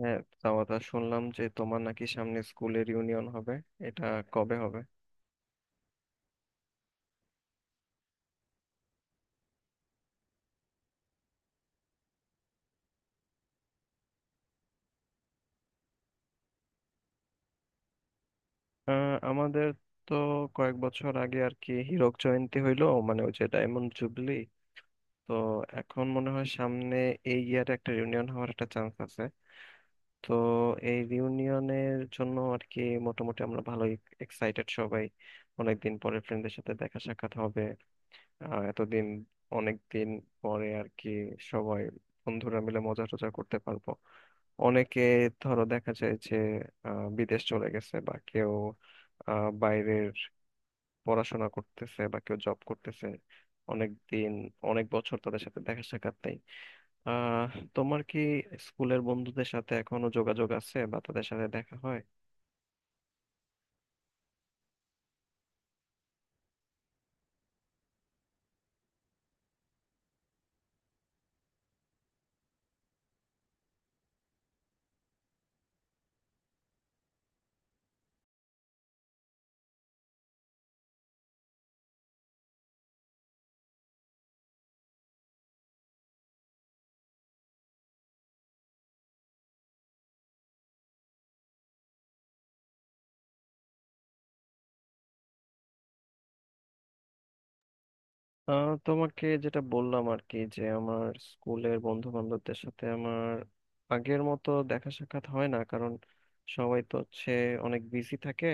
হ্যাঁ, তা কথা শুনলাম যে তোমার নাকি সামনে স্কুলের ইউনিয়ন হবে। এটা কবে হবে? আমাদের তো কয়েক বছর আগে আর কি হীরক জয়ন্তী হইলো, মানে ওই যে ডায়মন্ড জুবলি। তো এখন মনে হয় সামনে এই ইয়ারে একটা রিউনিয়ন হওয়ার একটা চান্স আছে। তো এই রিউনিয়নের জন্য আর কি মোটামুটি আমরা ভালোই এক্সাইটেড সবাই। অনেকদিন পরে ফ্রেন্ডদের সাথে দেখা সাক্ষাৎ হবে। এতদিন, অনেক দিন পরে আর কি সবাই বন্ধুরা মিলে মজা টজা করতে পারবো। অনেকে, ধরো, দেখা যায় যে বিদেশ চলে গেছে, বা কেউ বাইরের পড়াশোনা করতেছে, বা কেউ জব করতেছে। অনেক দিন, অনেক বছর তাদের সাথে দেখা সাক্ষাৎ নেই। আহ তোমার কি স্কুলের বন্ধুদের সাথে এখনো যোগাযোগ আছে, বা তাদের সাথে দেখা হয়? তোমাকে যেটা বললাম আর কি, যে আমার স্কুলের বন্ধু বান্ধবদের সাথে আমার আগের মতো দেখা সাক্ষাৎ হয় না, কারণ সবাই তো হচ্ছে অনেক বিজি থাকে।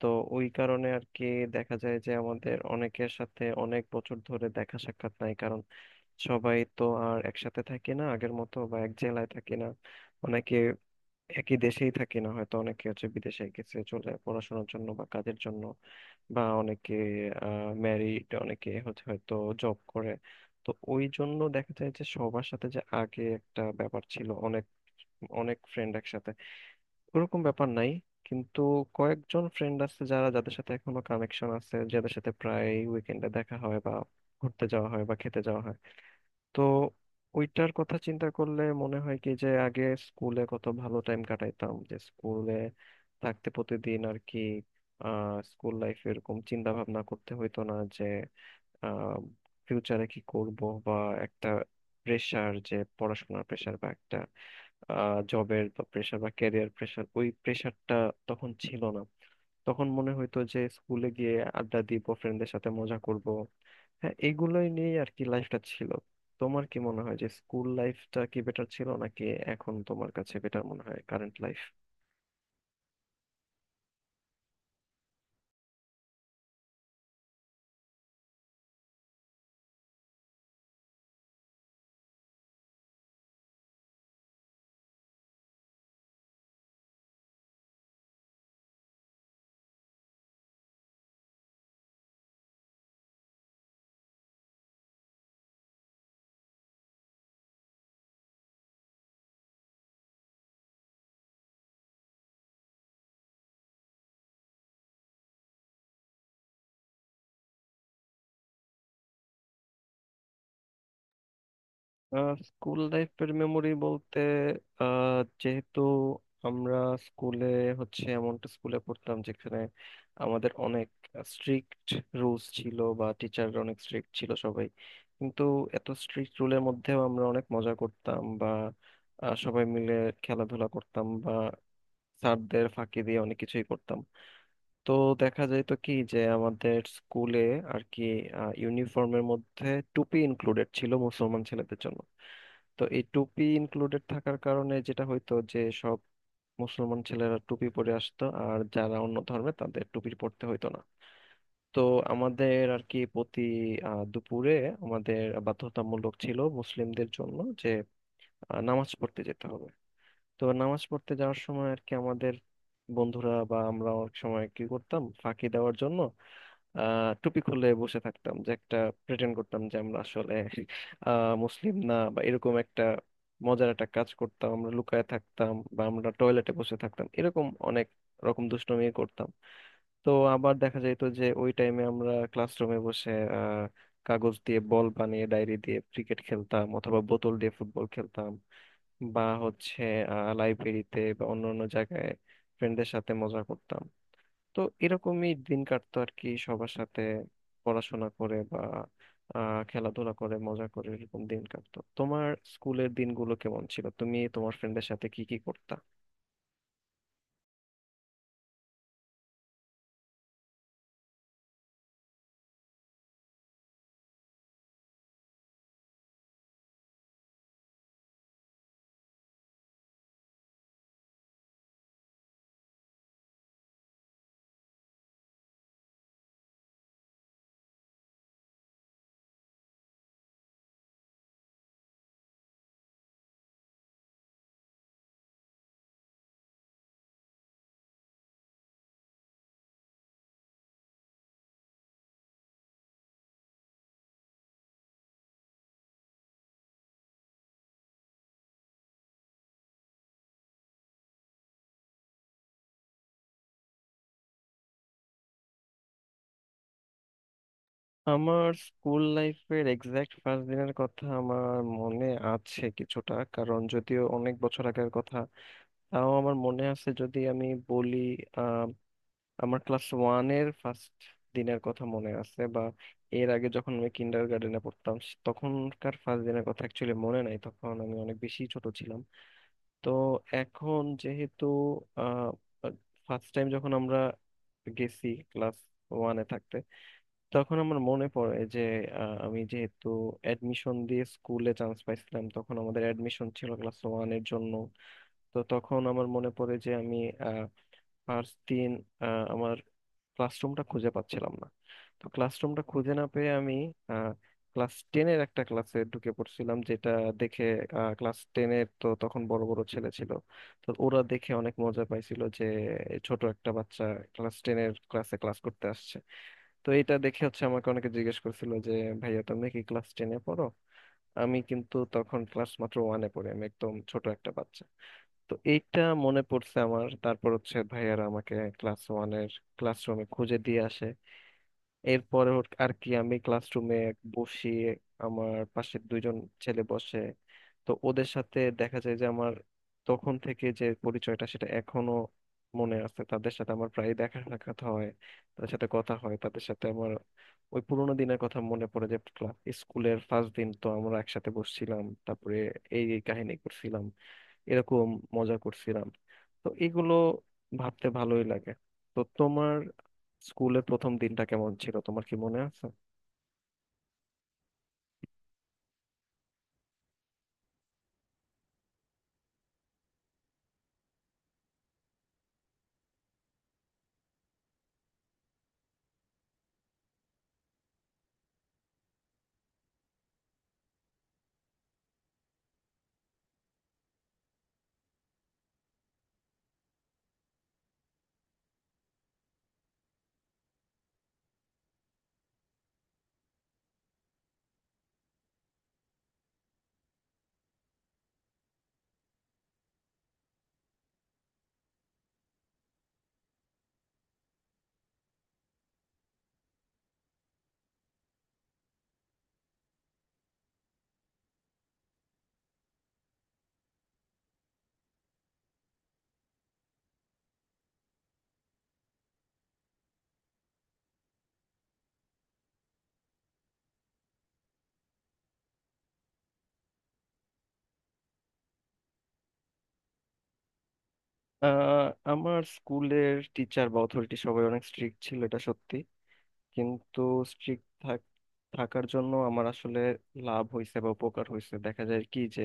তো ওই কারণে আর কি দেখা যায় যে আমাদের অনেকের সাথে অনেক বছর ধরে দেখা সাক্ষাৎ নাই, কারণ সবাই তো আর একসাথে থাকি না আগের মতো, বা এক জেলায় থাকি না। অনেকে একই দেশেই থাকি না, হয়তো অনেকে হচ্ছে বিদেশে গেছে চলে পড়াশোনার জন্য বা কাজের জন্য, বা অনেকে ম্যারিড, অনেকে হচ্ছে হয়তো জব করে। তো ওই জন্য দেখা যায় যে সবার সাথে যে আগে একটা ব্যাপার ছিল, অনেক অনেক ফ্রেন্ড একসাথে, ওরকম ব্যাপার নাই। কিন্তু কয়েকজন ফ্রেন্ড আছে যাদের সাথে এখনো কানেকশন আছে, যাদের সাথে প্রায় উইকেন্ডে দেখা হয় বা ঘুরতে যাওয়া হয় বা খেতে যাওয়া হয়। তো ওইটার কথা চিন্তা করলে মনে হয় কি, যে আগে স্কুলে কত ভালো টাইম কাটাইতাম, যে স্কুলে থাকতে প্রতিদিন আর কি স্কুল লাইফ এরকম চিন্তা ভাবনা করতে হইতো না যে আহ ফিউচারে কি করব, বা একটা প্রেশার, যে পড়াশোনার প্রেশার বা একটা জবের বা প্রেশার বা ক্যারিয়ার প্রেশার, ওই প্রেশারটা তখন ছিল না। তখন মনে হইতো যে স্কুলে গিয়ে আড্ডা দিব, ফ্রেন্ডদের সাথে মজা করব। হ্যাঁ, এইগুলোই নিয়েই আর কি লাইফটা ছিল। তোমার কি মনে হয় যে স্কুল লাইফটা কি বেটার ছিল, নাকি এখন তোমার কাছে বেটার মনে হয় কারেন্ট লাইফ? স্কুল লাইফের মেমোরি বলতে, যেহেতু আমরা স্কুলে হচ্ছে এমন একটা স্কুলে পড়তাম যেখানে আমাদের অনেক স্ট্রিক্ট রুলস ছিল, বা টিচাররা অনেক স্ট্রিক্ট ছিল সবাই। কিন্তু এত স্ট্রিক্ট রুলের মধ্যেও আমরা অনেক মজা করতাম, বা সবাই মিলে খেলাধুলা করতাম, বা স্যারদের ফাঁকি দিয়ে অনেক কিছুই করতাম। তো দেখা যায় তো কি যে আমাদের স্কুলে আর কি ইউনিফর্মের মধ্যে টুপি ইনক্লুডেড ছিল মুসলমান ছেলেদের জন্য। তো এই টুপি ইনক্লুডেড থাকার কারণে যেটা হইতো যে সব মুসলমান ছেলেরা টুপি পরে আসতো, আর যারা অন্য ধর্মে তাদের টুপি পরতে হইতো না। তো আমাদের আর কি প্রতি দুপুরে আমাদের বাধ্যতামূলক ছিল মুসলিমদের জন্য যে নামাজ পড়তে যেতে হবে। তো নামাজ পড়তে যাওয়ার সময় আর কি আমাদের বন্ধুরা বা আমরা অনেক সময় কি করতাম, ফাঁকি দেওয়ার জন্য টুপি খুলে বসে থাকতাম, যে একটা প্রেটেন্ড করতাম যে আমরা আসলে মুসলিম না, বা এরকম একটা মজার একটা কাজ করতাম, আমরা লুকায় থাকতাম, বা আমরা টয়লেটে বসে থাকতাম, এরকম অনেক রকম দুষ্টুমি করতাম। তো আবার দেখা যেত যে ওই টাইমে আমরা ক্লাসরুমে বসে আহ কাগজ দিয়ে বল বানিয়ে ডায়েরি দিয়ে ক্রিকেট খেলতাম, অথবা বোতল দিয়ে ফুটবল খেলতাম, বা হচ্ছে লাইব্রেরিতে বা অন্য অন্য জায়গায় ফ্রেন্ডদের সাথে মজা করতাম। তো এরকমই দিন কাটতো আর কি সবার সাথে, পড়াশোনা করে বা খেলাধুলা করে মজা করে এরকম দিন কাটতো। তোমার স্কুলের দিনগুলো কেমন ছিল? তুমি তোমার ফ্রেন্ডের সাথে কি কি করতা? আমার স্কুল লাইফের এক্সাক্ট ফার্স্ট দিনের কথা আমার মনে আছে কিছুটা, কারণ যদিও অনেক বছর আগের কথা, তাও আমার মনে আছে। যদি আমি বলি, আমার ক্লাস ওয়ানের ফার্স্ট দিনের কথা মনে আছে, বা এর আগে যখন আমি কিন্ডার গার্ডেনে পড়তাম তখনকার ফার্স্ট দিনের কথা অ্যাকচুয়ালি মনে নাই, তখন আমি অনেক বেশি ছোট ছিলাম। তো এখন যেহেতু ফার্স্ট টাইম যখন আমরা গেছি ক্লাস ওয়ানে থাকতে, তখন আমার মনে পড়ে যে আমি যেহেতু অ্যাডমিশন দিয়ে স্কুলে চান্স পাইছিলাম, তখন আমাদের অ্যাডমিশন ছিল ক্লাস ওয়ানের জন্য। তো তখন আমার মনে পড়ে যে আমি আর তিন আমার ক্লাসরুমটা খুঁজে পাচ্ছিলাম না। তো ক্লাসরুমটা খুঁজে না পেয়ে আমি ক্লাস টেনের একটা ক্লাসে ঢুকে পড়ছিলাম, যেটা দেখে, ক্লাস টেনের তো তখন বড় বড় ছেলে ছিল, তো ওরা দেখে অনেক মজা পাইছিল যে ছোট একটা বাচ্চা ক্লাস টেনের ক্লাসে ক্লাস করতে আসছে। তো এটা দেখে হচ্ছে আমাকে অনেকে জিজ্ঞেস করছিল যে, ভাইয়া তুমি কি ক্লাস টেনে পড়ো? আমি কিন্তু তখন ক্লাস মাত্র ওয়ানে পড়ি, আমি একদম ছোট একটা বাচ্চা। তো এইটা মনে পড়ছে আমার। তারপর হচ্ছে ভাইয়ারা আমাকে ক্লাস ওয়ানের ক্লাসরুমে খুঁজে দিয়ে আসে। এরপরে আর কি আমি ক্লাসরুমে বসি, আমার পাশে দুইজন ছেলে বসে। তো ওদের সাথে দেখা যায় যে আমার তখন থেকে যে পরিচয়টা, সেটা এখনো মনে আছে, তাদের সাথে আমার প্রায় দেখা সাক্ষাৎ হয়, তাদের সাথে কথা হয়, তাদের সাথে আমার ওই পুরোনো দিনের কথা মনে পড়ে, যে ক্লাস, স্কুলের ফার্স্ট দিন তো আমরা একসাথে বসছিলাম, তারপরে এই এই কাহিনী করছিলাম, এরকম মজা করছিলাম। তো এগুলো ভাবতে ভালোই লাগে। তো তোমার স্কুলের প্রথম দিনটা কেমন ছিল? তোমার কি মনে আছে? আহ আমার স্কুলের টিচার বা অথরিটি সবাই অনেক স্ট্রিক্ট ছিল, এটা সত্যি। কিন্তু স্ট্রিক্ট থাকার জন্য আমার আসলে লাভ হয়েছে বা উপকার হয়েছে। দেখা যায় কি যে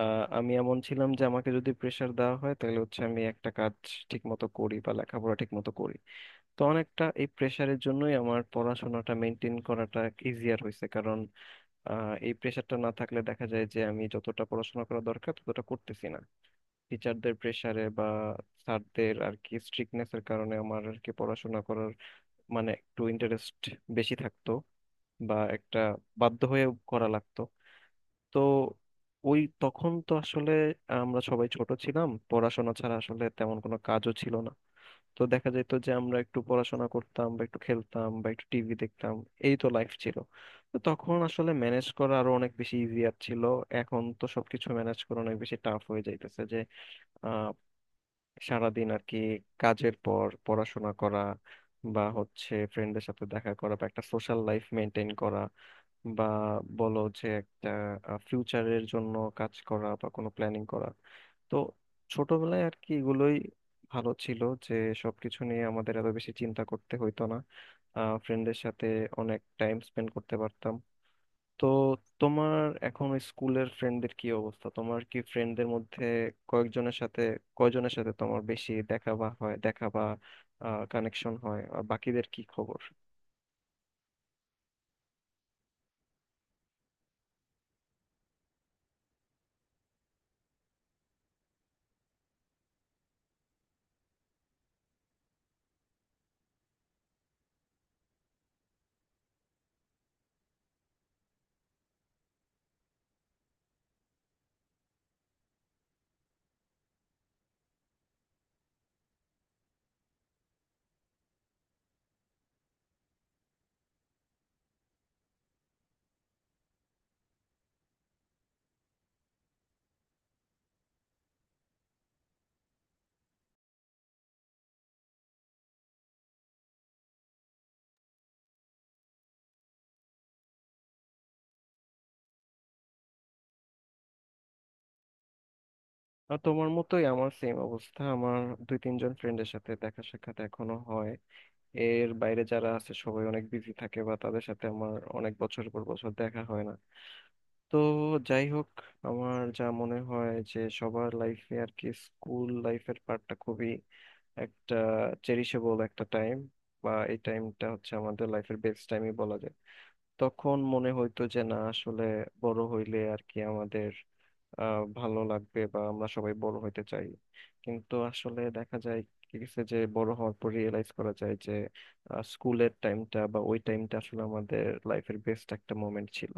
আমি এমন ছিলাম যে আমাকে যদি প্রেশার দেওয়া হয়, তাহলে হচ্ছে আমি একটা কাজ ঠিক মতো করি বা লেখাপড়া ঠিক মতো করি। তো অনেকটা এই প্রেশারের জন্যই আমার পড়াশোনাটা মেনটেন করাটা ইজিয়ার হয়েছে, কারণ এই প্রেশারটা না থাকলে দেখা যায় যে আমি যতটা পড়াশোনা করা দরকার ততটা করতেছি না। টিচারদের প্রেশারে বা স্যারদের আর কি স্ট্রিক্টনেসের কারণে আমার আর কি পড়াশোনা করার মানে একটু ইন্টারেস্ট বেশি থাকতো, বা একটা বাধ্য হয়ে করা লাগতো। তো ওই তখন তো আসলে আমরা সবাই ছোট ছিলাম, পড়াশোনা ছাড়া আসলে তেমন কোনো কাজও ছিল না। তো দেখা যেত যে আমরা একটু পড়াশোনা করতাম বা একটু খেলতাম বা একটু টিভি দেখতাম, এই তো লাইফ ছিল। তো তখন আসলে ম্যানেজ করা আরো অনেক বেশি ইজিয়ার ছিল। এখন তো সবকিছু ম্যানেজ করা অনেক বেশি টাফ হয়ে যাইতেছে, যে সারাদিন আর কি কাজের পর পড়াশোনা করা, বা হচ্ছে ফ্রেন্ডদের সাথে দেখা করা, বা একটা সোশ্যাল লাইফ মেনটেন করা, বা বলো যে একটা ফিউচারের জন্য কাজ করা বা কোনো প্ল্যানিং করা। তো ছোটবেলায় আর কি এগুলোই ভালো ছিল, যে সবকিছু নিয়ে আমাদের এত বেশি চিন্তা করতে হইতো না, ফ্রেন্ডের সাথে অনেক টাইম স্পেন্ড করতে পারতাম। তো তোমার এখন ওই স্কুলের ফ্রেন্ডদের কি অবস্থা? তোমার কি ফ্রেন্ডদের মধ্যে কয়েকজনের সাথে, কয়জনের সাথে তোমার বেশি দেখা বা হয় দেখা বা কানেকশন হয়, আর বাকিদের কি খবর? আর তোমার মতোই আমার সেম অবস্থা। আমার দুই তিনজন ফ্রেন্ডের সাথে দেখা সাক্ষাৎ এখনো হয়। এর বাইরে যারা আছে সবাই অনেক বিজি থাকে, বা তাদের সাথে আমার অনেক বছর পর বছর দেখা হয় না। তো যাই হোক, আমার যা মনে হয় যে সবার লাইফে আর কি স্কুল লাইফের পার্টটা খুবই একটা চেরিশেবল একটা টাইম, বা এই টাইমটা হচ্ছে আমাদের লাইফের বেস্ট টাইমই বলা যায়। তখন মনে হইতো যে না, আসলে বড় হইলে আর কি আমাদের ভালো লাগবে, বা আমরা সবাই বড় হইতে চাই। কিন্তু আসলে দেখা যায় কি গেছে, যে বড় হওয়ার পর রিয়েলাইজ করা যায় যে স্কুলের টাইমটা বা ওই টাইমটা আসলে আমাদের লাইফের বেস্ট একটা মোমেন্ট ছিল।